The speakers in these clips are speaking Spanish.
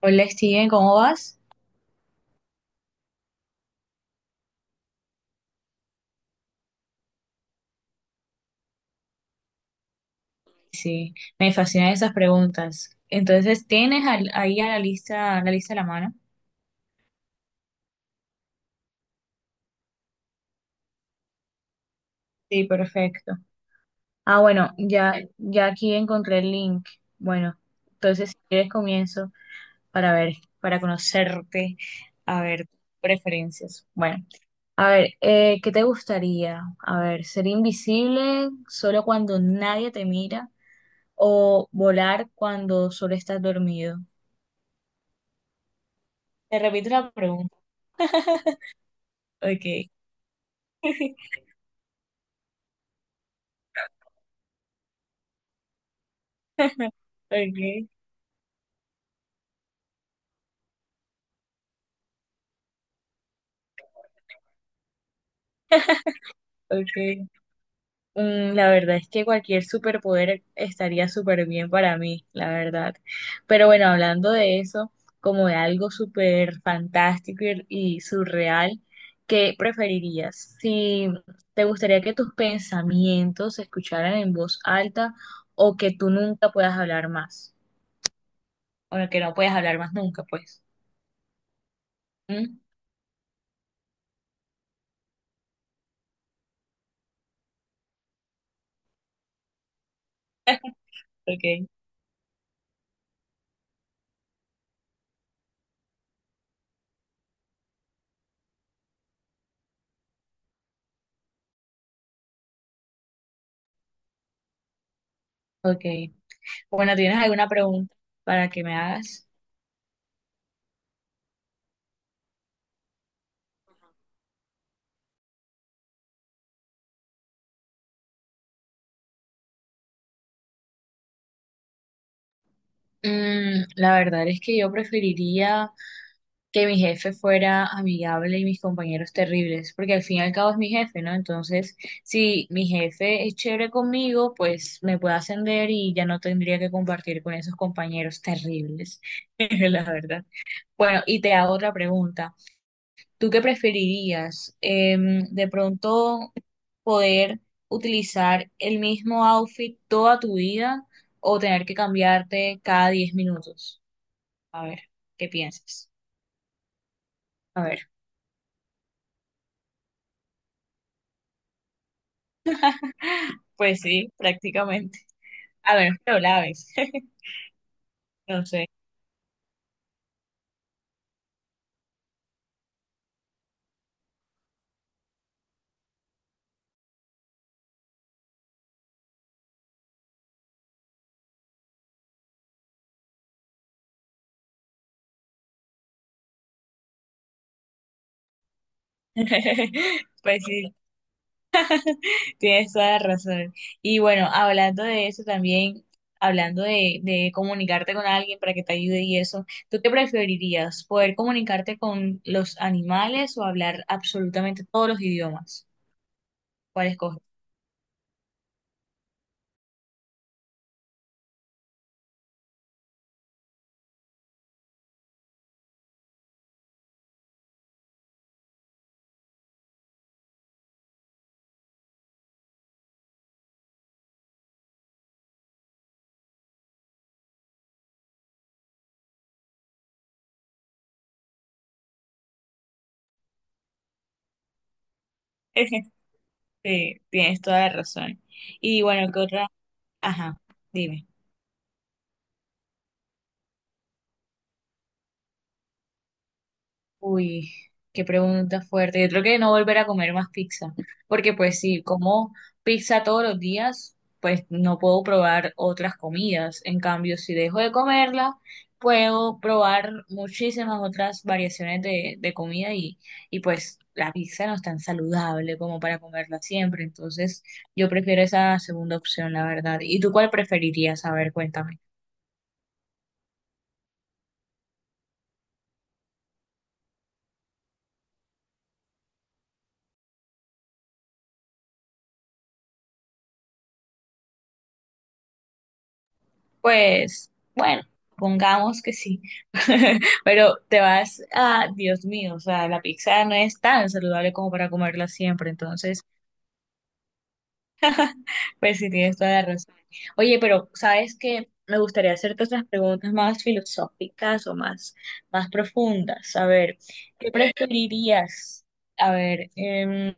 Hola Steven, ¿cómo vas? Sí, me fascinan esas preguntas. Entonces, ¿tienes ahí a la lista a la mano? Sí, perfecto. Ah, bueno, ya aquí encontré el link. Bueno, entonces si quieres comienzo para ver, para conocerte, a ver preferencias. Bueno, a ver, ¿qué te gustaría? A ver, ¿ser invisible solo cuando nadie te mira o volar cuando solo estás dormido? Te repito la pregunta. Ok. Okay, okay. La verdad es que cualquier superpoder estaría súper bien para mí, la verdad. Pero bueno, hablando de eso, como de algo súper fantástico y surreal, ¿qué preferirías? Si te gustaría que tus pensamientos se escucharan en voz alta o que tú nunca puedas hablar más, o que no puedas hablar más nunca, pues. ¿Mm? Okay, okay. Bueno, ¿tienes alguna pregunta para que me hagas? La verdad es que yo preferiría que mi jefe fuera amigable y mis compañeros terribles, porque al fin y al cabo es mi jefe, ¿no? Entonces, si mi jefe es chévere conmigo, pues me puede ascender y ya no tendría que compartir con esos compañeros terribles, la verdad. Bueno, y te hago otra pregunta. ¿Tú qué preferirías? ¿De pronto poder utilizar el mismo outfit toda tu vida o tener que cambiarte cada 10 minutos? A ver, ¿qué piensas? A ver, pues sí, prácticamente. A ver, pero la ves. No sé. Pues sí, tienes toda la razón. Y bueno, hablando de eso también, hablando de comunicarte con alguien para que te ayude y eso, ¿tú qué preferirías? ¿Poder comunicarte con los animales o hablar absolutamente todos los idiomas? ¿Cuál escoges? Sí, tienes toda la razón. Y bueno, ¿qué otra? Ajá, dime. Uy, qué pregunta fuerte. Yo creo que no volver a comer más pizza, porque pues si como pizza todos los días, pues no puedo probar otras comidas. En cambio, si dejo de comerla, puedo probar muchísimas otras variaciones de comida y pues la pizza no es tan saludable como para comerla siempre. Entonces, yo prefiero esa segunda opción, la verdad. ¿Y tú cuál preferirías? A ver, cuéntame. Pues, bueno, pongamos que sí. Pero te vas a, Dios mío, o sea, la pizza no es tan saludable como para comerla siempre. Entonces, pues sí tienes toda la razón. Oye, pero ¿sabes qué? Me gustaría hacerte otras preguntas más filosóficas o más, más profundas. A ver, ¿qué preferirías? A ver,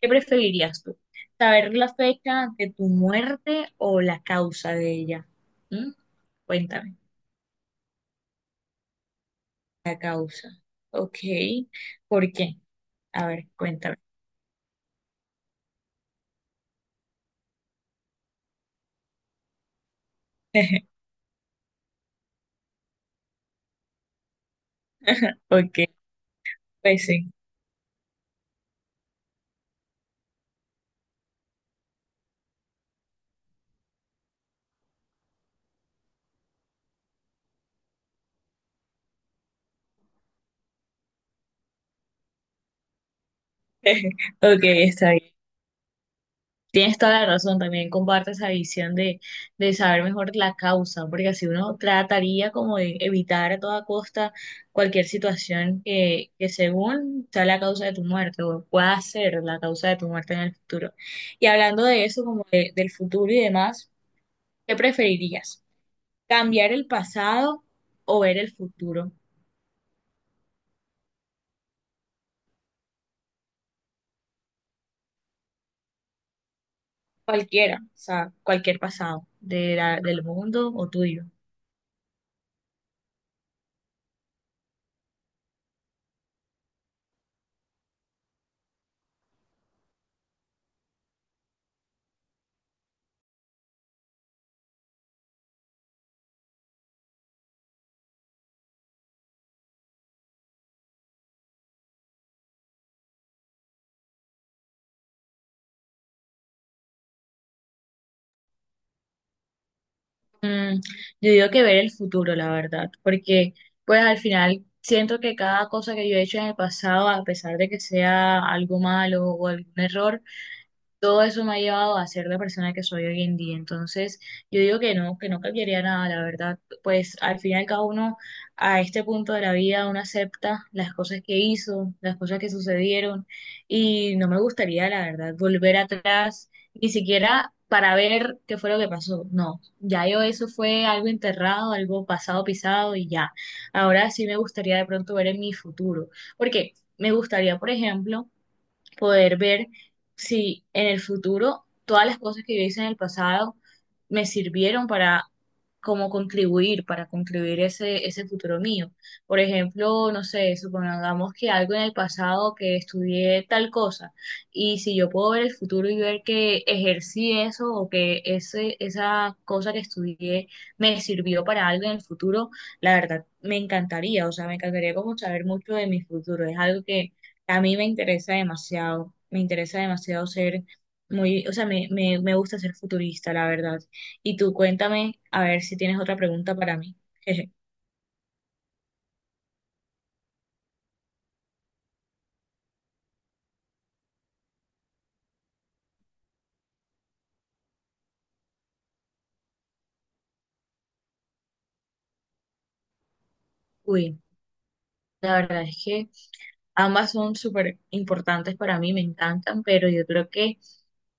¿qué preferirías tú? ¿Saber la fecha de tu muerte o la causa de ella? ¿Mm? Cuéntame. La causa. Ok. ¿Por qué? A ver, cuéntame. Ok, pues sí. Ok, está bien. Tienes toda la razón, también comparto esa visión de saber mejor la causa, porque así uno trataría como de evitar a toda costa cualquier situación que según sea la causa de tu muerte o pueda ser la causa de tu muerte en el futuro. Y hablando de eso, como del futuro y demás, ¿qué preferirías? ¿Cambiar el pasado o ver el futuro? Cualquiera, o sea, cualquier pasado de del mundo o tuyo. Mm, yo digo que ver el futuro, la verdad, porque pues al final siento que cada cosa que yo he hecho en el pasado, a pesar de que sea algo malo o algún error, todo eso me ha llevado a ser la persona que soy hoy en día. Entonces, yo digo que no cambiaría nada, la verdad. Pues al final cada uno a este punto de la vida uno acepta las cosas que hizo, las cosas que sucedieron y no me gustaría, la verdad, volver atrás, ni siquiera para ver qué fue lo que pasó. No, ya yo eso fue algo enterrado, algo pasado pisado y ya. Ahora sí me gustaría de pronto ver en mi futuro, porque me gustaría, por ejemplo, poder ver si en el futuro todas las cosas que yo hice en el pasado me sirvieron para como contribuir, para contribuir ese, ese futuro mío. Por ejemplo, no sé, supongamos que algo en el pasado que estudié tal cosa y si yo puedo ver el futuro y ver que ejercí eso o que ese, esa cosa que estudié me sirvió para algo en el futuro, la verdad me encantaría, o sea, me encantaría como saber mucho de mi futuro. Es algo que a mí me interesa demasiado ser muy, o sea, me gusta ser futurista, la verdad. Y tú cuéntame, a ver si tienes otra pregunta para mí. Jeje. Uy, la verdad es que ambas son súper importantes para mí, me encantan, pero yo creo que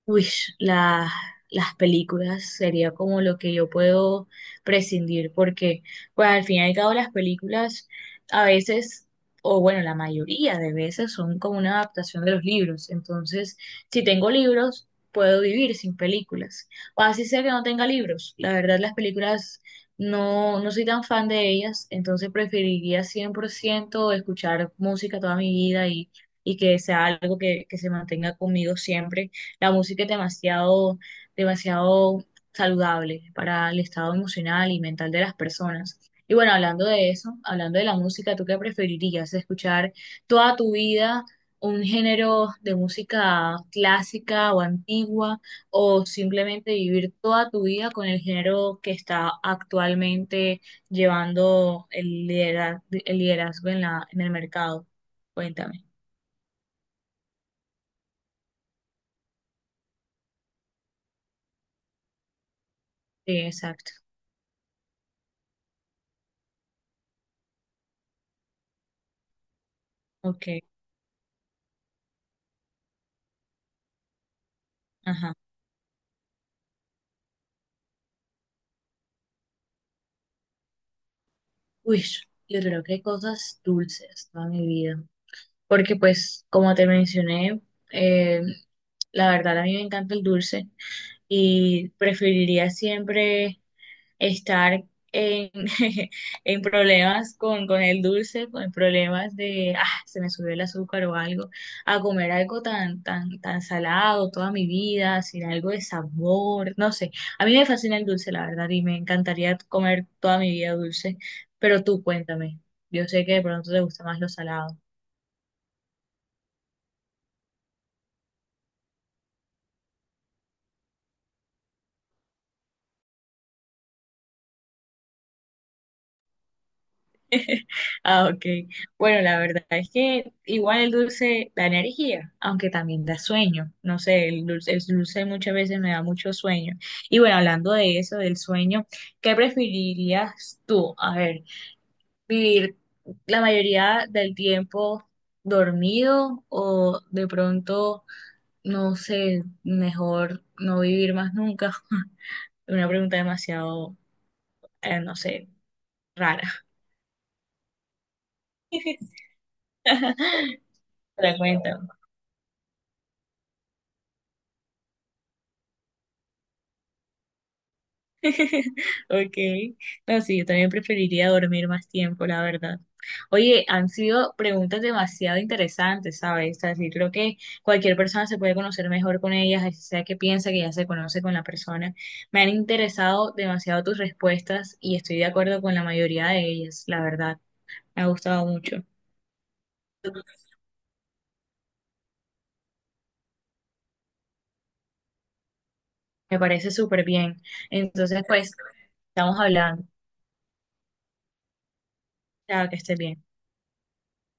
uish, las películas sería como lo que yo puedo prescindir, porque pues al fin y al cabo las películas a veces, o bueno, la mayoría de veces son como una adaptación de los libros. Entonces, si tengo libros, puedo vivir sin películas. O así sea que no tenga libros. La verdad, las películas no soy tan fan de ellas, entonces preferiría 100% escuchar música toda mi vida y que sea algo que se mantenga conmigo siempre. La música es demasiado, demasiado saludable para el estado emocional y mental de las personas. Y bueno, hablando de eso, hablando de la música, ¿tú qué preferirías? ¿Escuchar toda tu vida un género de música clásica o antigua, o simplemente vivir toda tu vida con el género que está actualmente llevando el liderazgo en en el mercado? Cuéntame. Sí, exacto. Ok, ajá. Uy, yo creo que cosas dulces toda mi vida. Porque pues, como te mencioné, eh, la verdad a mí me encanta el dulce y preferiría siempre estar en, en problemas con el dulce, con problemas de, ah, se me subió el azúcar o algo, a comer algo tan salado toda mi vida, sin algo de sabor, no sé. A mí me fascina el dulce, la verdad, y me encantaría comer toda mi vida dulce, pero tú cuéntame. Yo sé que de pronto te gusta más lo salado. Ah, ok. Bueno, la verdad es que igual el dulce da energía, aunque también da sueño. No sé, el dulce muchas veces me da mucho sueño. Y bueno, hablando de eso, del sueño, ¿qué preferirías tú? A ver, vivir la mayoría del tiempo dormido o de pronto, no sé, mejor no vivir más nunca. Una pregunta demasiado, no sé, rara. Pero cuéntame. Okay, no, sí, yo también preferiría dormir más tiempo, la verdad. Oye, han sido preguntas demasiado interesantes, ¿sabes? O sea, sí, creo que cualquier persona se puede conocer mejor con ellas, así sea que piensa que ya se conoce con la persona. Me han interesado demasiado tus respuestas y estoy de acuerdo con la mayoría de ellas, la verdad. Me ha gustado mucho. Me parece súper bien. Entonces, pues, estamos hablando. Chao, que estés bien.